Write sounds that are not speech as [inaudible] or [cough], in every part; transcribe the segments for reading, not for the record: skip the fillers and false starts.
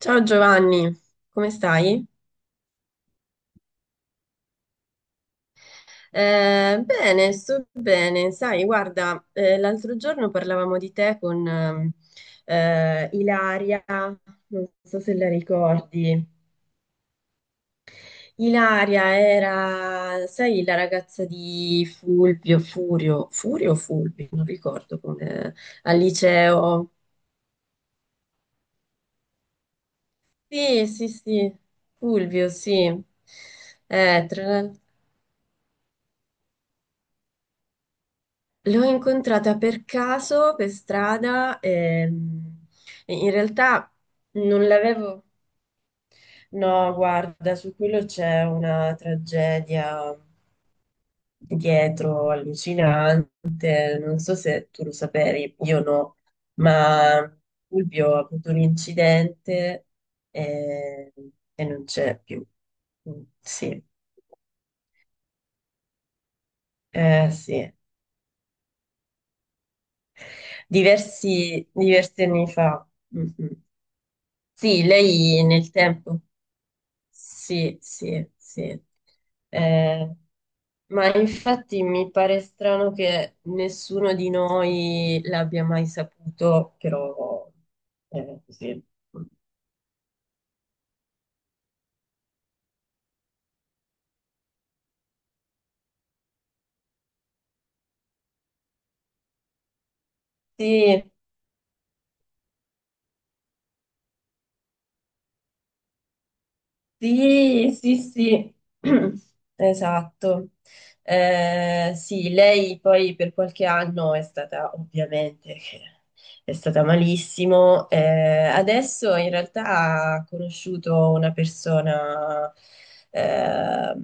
Ciao Giovanni, come stai? Bene, sto bene. Sai, guarda, l'altro giorno parlavamo di te con Ilaria, non so se la ricordi. Ilaria era, sai, la ragazza di Fulvio, Furio, Furio o Fulvio, non ricordo come, al liceo. Sì, sì, sì, Fulvio, sì. Tra l'altro, l'ho incontrata per caso, per strada, e in realtà non l'avevo... No, guarda, su quello c'è una tragedia dietro allucinante, non so se tu lo sapevi, io no, ma Fulvio ha avuto un incidente e, e non c'è più. Mm, sì, sì, diversi, diversi anni fa. Mm, mm. Sì, lei nel tempo. Sì, sì, sì. Eh, ma infatti mi pare strano che nessuno di noi l'abbia mai saputo, però sì. Sì, sì, sì, sì, [clears throat] esatto. Sì, lei poi per qualche anno è stata, ovviamente, che è stata malissimo. Adesso in realtà ha conosciuto una persona, eh,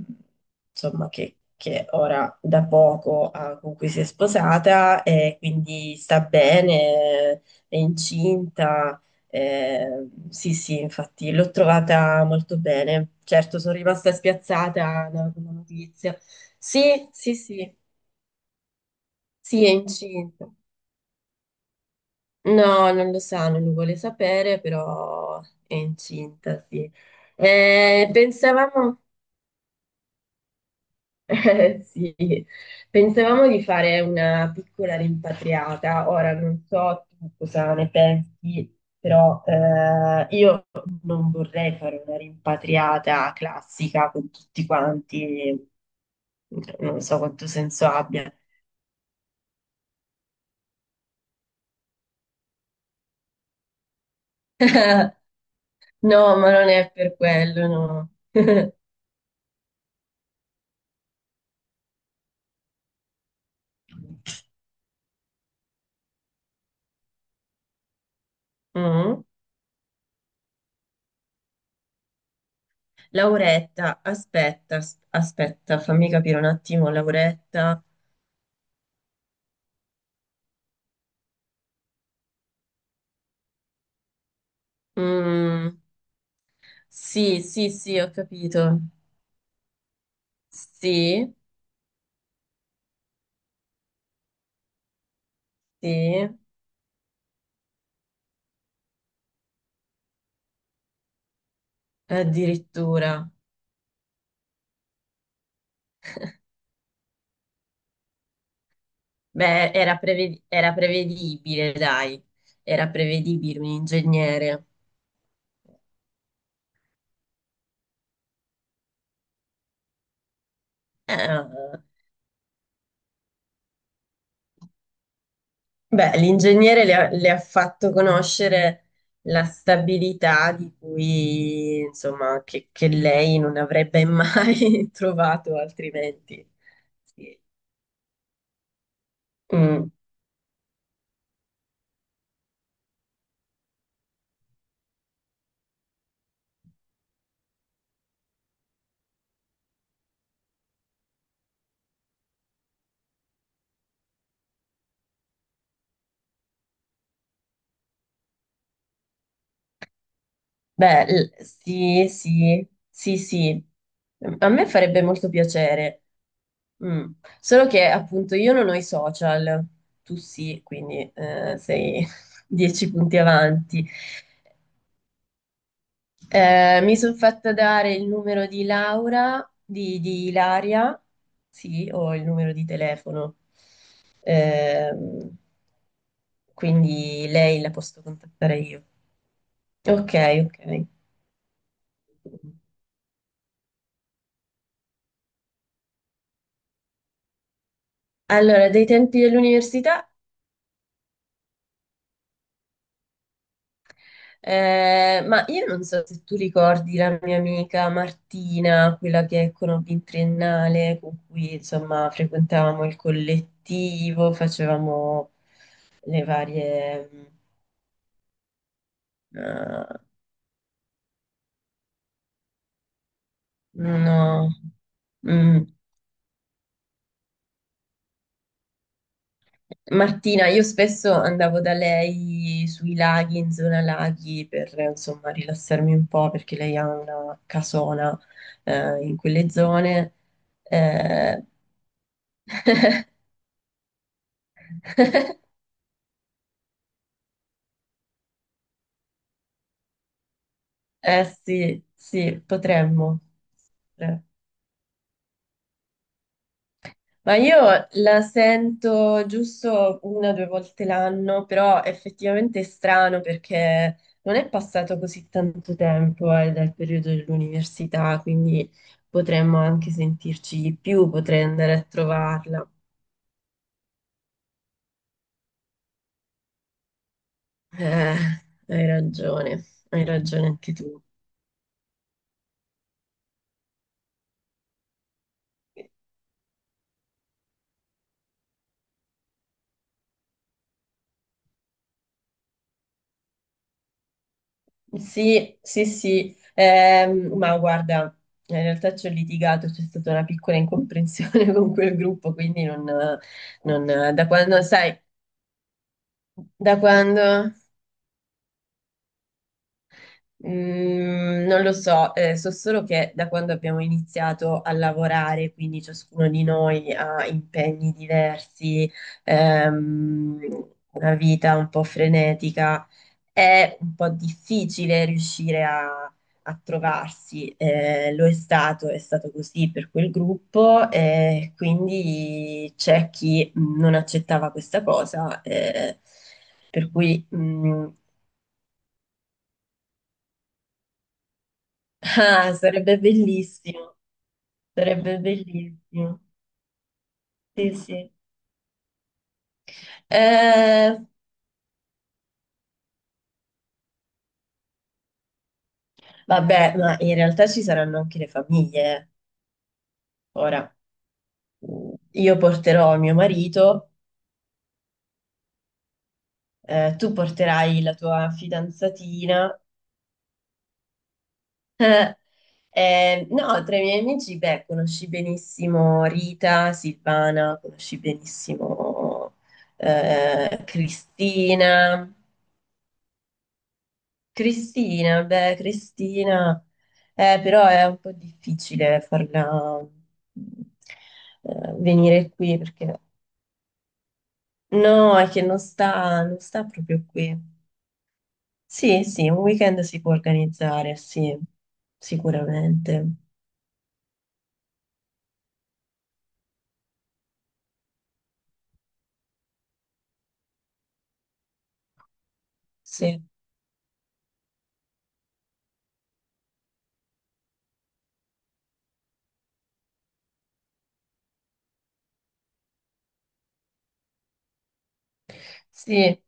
insomma, che ora da poco con cui si è sposata e quindi sta bene, è incinta. Sì, sì, infatti l'ho trovata molto bene. Certo, sono rimasta spiazzata da una notizia. Sì, sì, sì, sì, è incinta. No, non lo sa, non lo vuole sapere, però è incinta, sì. Eh, pensavamo, [laughs] Sì, pensavamo di fare una piccola rimpatriata. Ora non so tu cosa ne pensi, però io non vorrei fare una rimpatriata classica con tutti quanti. Non so quanto senso abbia. No, ma non è per quello, no. Mm. Lauretta, aspetta, aspetta, fammi capire un attimo, Lauretta. Mm, sì, sì, sì, ho capito. Sì, sì, addirittura. Beh, era prevedibile, dai, era prevedibile un ingegnere. Eh, Beh, l'ingegnere le ha fatto conoscere la stabilità di cui, insomma, che lei non avrebbe mai [laughs] trovato altrimenti. Sì. Mm, beh, sì, sì, sì, sì. A me farebbe molto piacere. Mm. Solo che appunto io non ho i social, tu sì, quindi sei [laughs] 10 punti avanti. Mi sono fatta dare il numero di Laura, di Ilaria, sì, ho il numero di telefono. Ehm, quindi lei la posso contattare io. Ok, ok. Allora, dei tempi dell'università. Ma io non so se tu ricordi la mia amica Martina, quella che conobbi in triennale, con cui insomma frequentavamo il collettivo, facevamo le varie... eh, no, mm. Martina, io spesso andavo da lei sui laghi, in zona laghi, per insomma rilassarmi un po', perché lei ha una casona in quelle zone. Eh, Eh sì, sì, potremmo. Eh. Ma io la sento giusto una o due volte l'anno, però effettivamente è strano perché non è passato così tanto tempo, dal periodo dell'università, quindi potremmo anche sentirci di più, potrei andare a trovarla. Eh, hai ragione, hai ragione anche tu. Sì, sì, sì, ma guarda, in realtà ci ho litigato, c'è stata una piccola incomprensione [laughs] con quel gruppo, quindi da quando, sai, da quando, non lo so, so solo che da quando abbiamo iniziato a lavorare, quindi ciascuno di noi ha impegni diversi, una vita un po' frenetica. È un po' difficile riuscire a trovarsi, lo è stato così per quel gruppo, e quindi c'è chi non accettava questa cosa, per cui [laughs] ah, sarebbe bellissimo, sarebbe bellissimo. Sì, sì. Eh, vabbè, ma in realtà ci saranno anche le famiglie. Ora, io porterò mio marito, tu porterai la tua fidanzatina. [laughs] No, tra i miei amici, beh, conosci benissimo Rita, Silvana, conosci benissimo Cristina. Cristina, beh, Cristina, però è un po' difficile farla mm, venire qui perché no, è che non sta, proprio qui. Sì, sì, un weekend si può organizzare, sì, sicuramente. Sì, sì.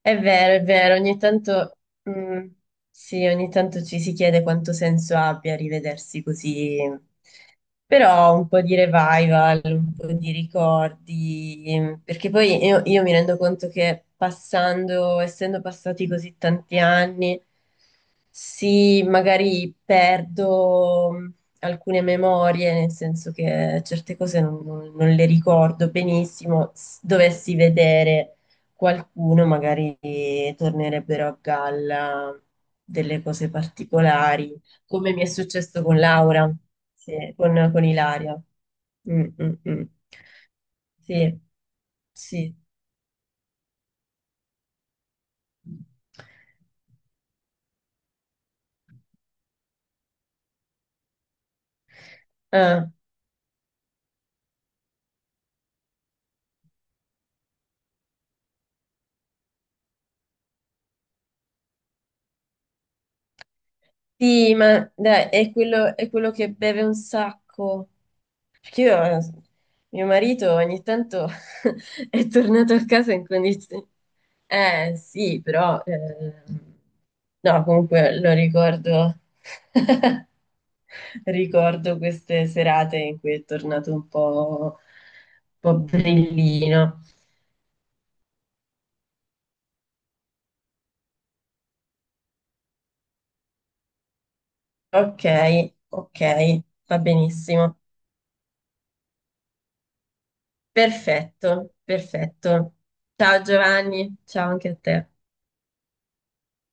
È vero, ogni tanto, mm, sì, ogni tanto ci si chiede quanto senso abbia rivedersi così, però un po' di revival, un po' di ricordi, perché poi io mi rendo conto che passando, essendo passati così tanti anni, sì, magari perdo alcune memorie, nel senso che certe cose non le ricordo benissimo, dovessi vedere qualcuno magari tornerebbero a galla delle cose particolari, come mi è successo con Laura, sì, con, Ilaria. Mm, mm, mm. Sì, sì. Ah, sì, ma dai, è quello che beve un sacco. Perché mio marito ogni tanto [laughs] è tornato a casa in condizioni... Eh sì, però, no, comunque lo ricordo... [laughs] Ricordo queste serate in cui è tornato un po' brillino. Ok, ok, va benissimo. Perfetto, perfetto. Ciao Giovanni, ciao anche a te.